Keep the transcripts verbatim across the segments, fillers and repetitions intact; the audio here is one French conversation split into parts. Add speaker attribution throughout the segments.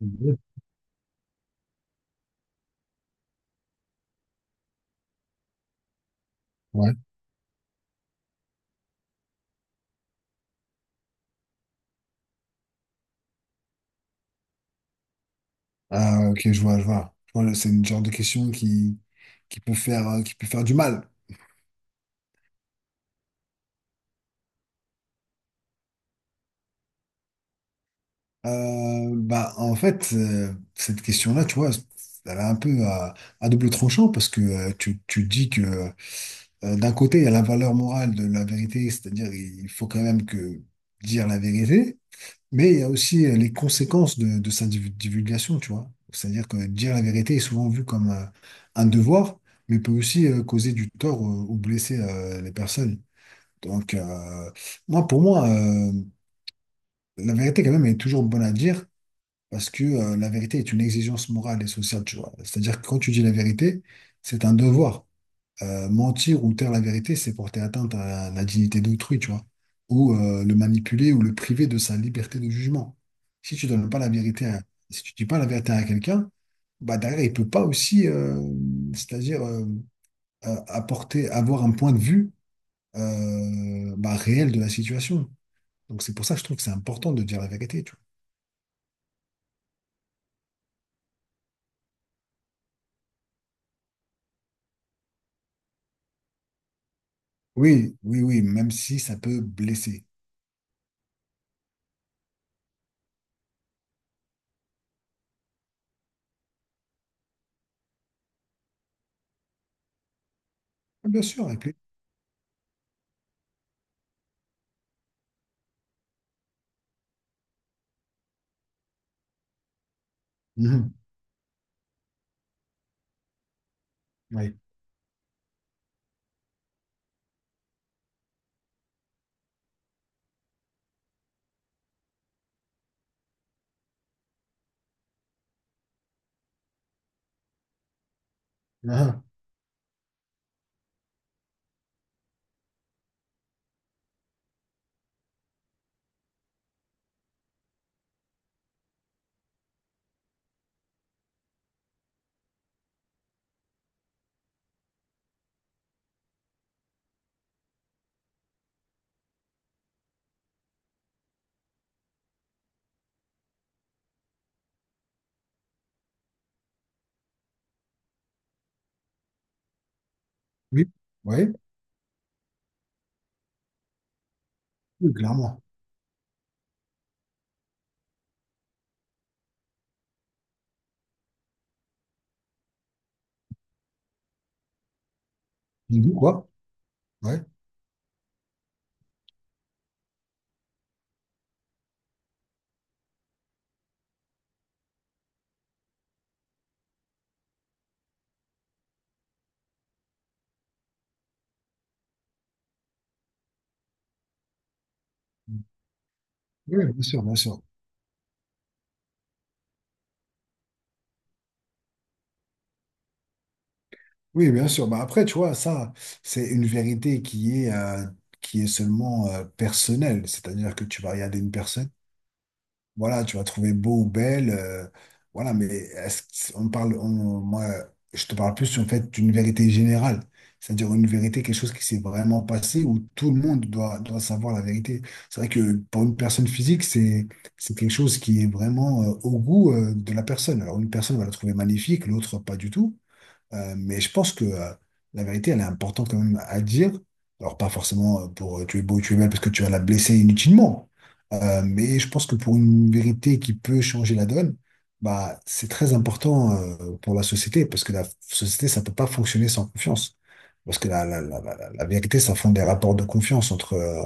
Speaker 1: Ouais. Ah, ok, je vois, je vois. Je vois, c'est une genre de question qui, qui peut faire, euh, qui peut faire du mal. Euh, bah, en fait, euh, cette question-là, tu vois, elle est un peu à, à double tranchant parce que euh, tu, tu dis que euh, d'un côté, il y a la valeur morale de la vérité, c'est-à-dire il faut quand même que dire la vérité. Mais il y a aussi euh, les conséquences de, de sa div- divulgation, tu vois. C'est-à-dire que dire la vérité est souvent vu comme un, un devoir, mais peut aussi euh, causer du tort euh, ou blesser euh, les personnes. Donc, euh, moi, pour moi, euh, la vérité, quand même, est toujours bonne à dire parce que euh, la vérité est une exigence morale et sociale, tu vois. C'est-à-dire que quand tu dis la vérité, c'est un devoir. Euh, mentir ou taire la vérité, c'est porter atteinte à la dignité d'autrui, tu vois, ou euh, le manipuler ou le priver de sa liberté de jugement. Si tu donnes pas la vérité à, si tu dis pas la vérité à quelqu'un, bah derrière, il peut pas aussi, euh, c'est-à-dire euh, euh, apporter, avoir un point de vue euh, bah, réel de la situation. Donc c'est pour ça que je trouve que c'est important de dire la vérité, tu vois. Oui, oui, oui, même si ça peut blesser. Bien sûr, avec lui. Mhm. Oui. Ah. Oui, oui, oui, clairement. Du coup, quoi? Ouais. Oui, bien sûr, bien sûr. Oui, bien sûr. Bah après, tu vois, ça, c'est une vérité qui est, euh, qui est seulement euh, personnelle. C'est-à-dire que tu vas regarder une personne, voilà, tu vas trouver beau ou belle, euh, voilà, mais est-ce que- on parle, on- moi, je te parle plus en fait d'une vérité générale. C'est-à-dire une vérité, quelque chose qui s'est vraiment passé où tout le monde doit, doit savoir la vérité. C'est vrai que pour une personne physique, c'est, c'est quelque chose qui est vraiment euh, au goût euh, de la personne. Alors, une personne va la trouver magnifique, l'autre pas du tout. Euh, mais je pense que euh, la vérité, elle est importante quand même à dire. Alors, pas forcément euh, pour euh, tu es beau, tu es belle, parce que tu vas la blesser inutilement. Euh, mais je pense que pour une vérité qui peut changer la donne, bah, c'est très important euh, pour la société, parce que la société, ça peut pas fonctionner sans confiance. Parce que la, la, la, la, la vérité, ça fonde des rapports de confiance entre, euh,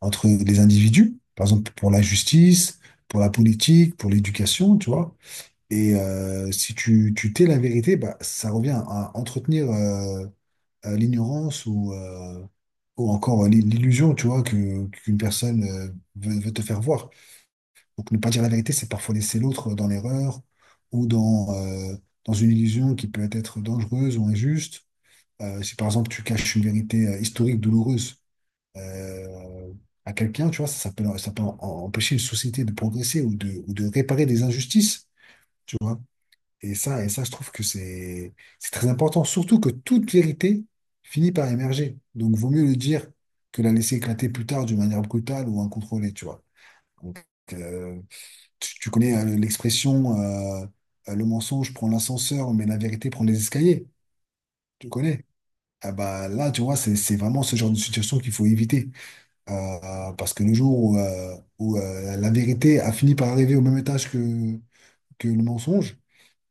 Speaker 1: entre les individus, par exemple pour la justice, pour la politique, pour l'éducation, tu vois. Et euh, si tu, tu tais la vérité, bah, ça revient à entretenir euh, euh, l'ignorance ou, euh, ou encore euh, l'i- l'illusion, tu vois, que, qu'une personne euh, veut, veut te faire voir. Donc ne pas dire la vérité, c'est parfois laisser l'autre dans l'erreur ou dans, euh, dans une illusion qui peut être dangereuse ou injuste. Euh, si par exemple tu caches une vérité euh, historique douloureuse euh, à quelqu'un, tu vois, ça, ça peut, ça peut en- en- empêcher une société de progresser ou de, ou de réparer des injustices. Et ça, et ça, je trouve que c'est c'est très important, surtout que toute vérité finit par émerger. Donc, vaut mieux le dire que la laisser éclater plus tard d'une manière brutale ou incontrôlée, tu vois. Donc, euh, tu, tu connais euh, l'expression euh, euh, le mensonge prend l'ascenseur, mais la vérité prend les escaliers. Tu connais? Ah bah là, tu vois, c'est c'est vraiment ce genre de situation qu'il faut éviter. Euh, euh, Parce que le jour où, euh, où, euh, la vérité a fini par arriver au même étage que, que le mensonge,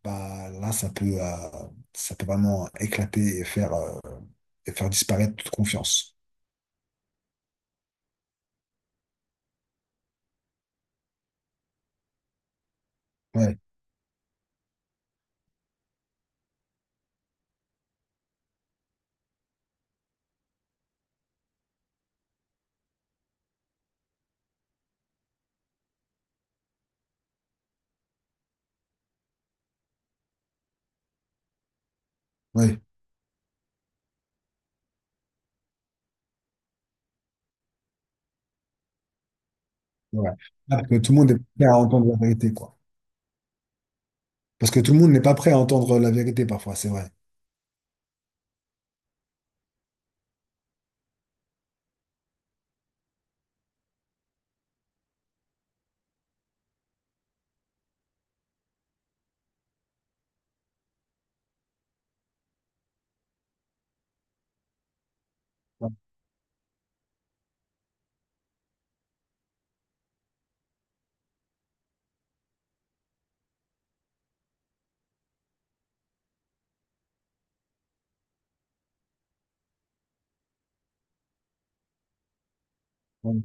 Speaker 1: bah là ça peut euh, ça peut vraiment éclater et faire euh, et faire disparaître toute confiance. Ouais, ouais, ouais. Parce que tout le monde est prêt à entendre la vérité, quoi. Parce que tout le monde n'est pas prêt à entendre la vérité parfois, c'est vrai. Ouais, ouais.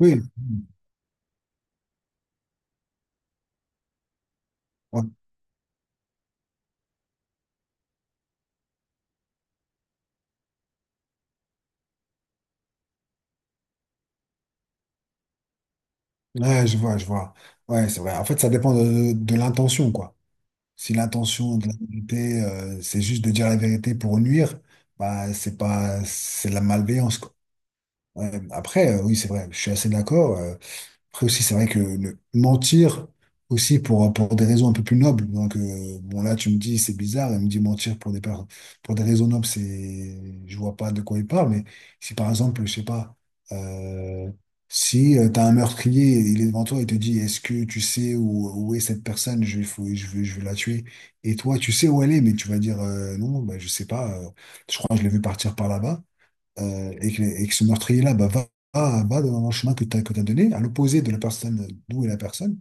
Speaker 1: Oui, ouais. Ouais, je vois, je vois. Ouais, c'est vrai. En fait, ça dépend de, de l'intention, quoi. Si l'intention de la vérité, euh, c'est juste de dire la vérité pour nuire, bah c'est pas c'est de la malveillance, quoi. Ouais. Après, euh, oui, c'est vrai, je suis assez d'accord. euh, Après aussi, c'est vrai que le- mentir aussi pour, pour des raisons un peu plus nobles. Donc, euh, bon, là, tu me dis, c'est bizarre. Elle me dit mentir pour des, par- pour des raisons nobles, c'est, je vois pas de quoi il parle. Mais si, par exemple, je sais pas, euh, si tu as un meurtrier, il est devant toi et te dit, est-ce que tu sais où, où est cette personne? Je, faut, je veux, je veux la tuer. Et toi, tu sais où elle est, mais tu vas dire, euh, non, bah, je sais pas. Euh, je crois que je l'ai vu partir par là-bas euh, et que, et que ce meurtrier-là bah, va, va, va dans le chemin que tu as, que t'as donné, à l'opposé de la personne, d'où est la personne,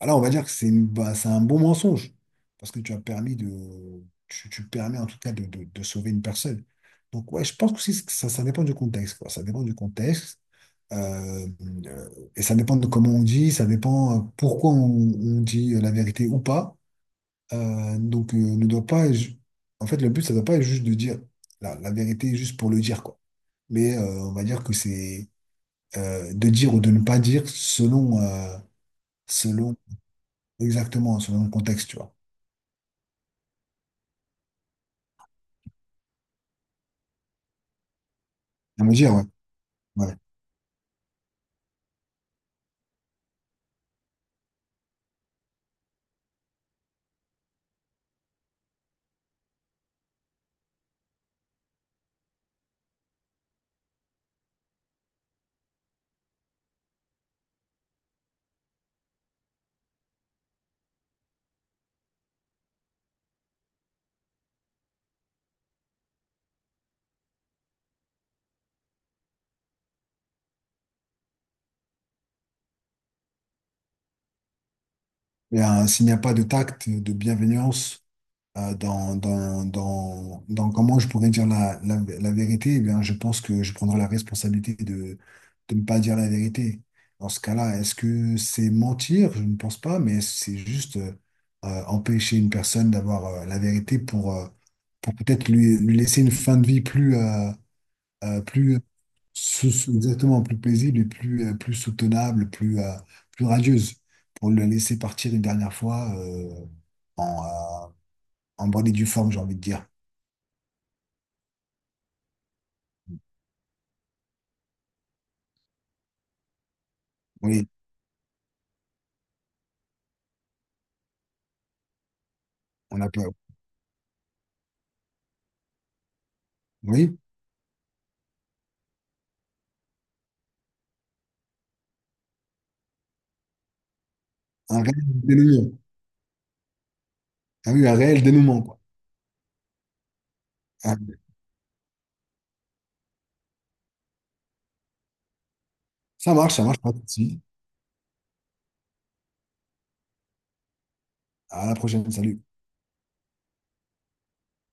Speaker 1: alors on va dire que c'est une- bah, c'est un bon mensonge, parce que tu as permis de, tu, tu permets en tout cas de, de- de sauver une personne. Donc ouais, je pense que aussi, ça, ça dépend du contexte, quoi. Ça dépend du contexte. euh, euh, et ça dépend de comment on dit, ça dépend euh, pourquoi on, on dit la vérité ou pas. Euh, donc, euh, ne doit pas. Ju- En fait, le but, ça ne doit pas être juste de dire la, la vérité juste pour le dire, quoi mais euh, on va dire que c'est euh, de dire ou de ne pas dire selon, euh, selon exactement, selon le contexte, tu vois. À me dire, ouais. Ouais. Et, euh, s'il n'y a pas de tact, de bienveillance, euh, dans, dans, dans, dans comment je pourrais dire la, la, la vérité, eh bien, je pense que je prendrai la responsabilité de, de ne pas dire la vérité. Dans ce cas-là, est-ce que c'est mentir? Je ne pense pas, mais c'est juste euh, euh, empêcher une personne d'avoir euh, la vérité pour, euh, pour peut-être lui, lui laisser une fin de vie plus, euh, euh, plus sou- sou- exactement plus paisible et plus, euh, plus soutenable, plus, euh, plus radieuse, pour le laisser partir une dernière fois euh, en bonne et due forme, j'ai envie de dire. Oui, on a peur. Oui, un réel dénouement. Ah oui, un réel dénouement, quoi. Ah, ça marche, ça marche, pas de souci. À la prochaine, salut.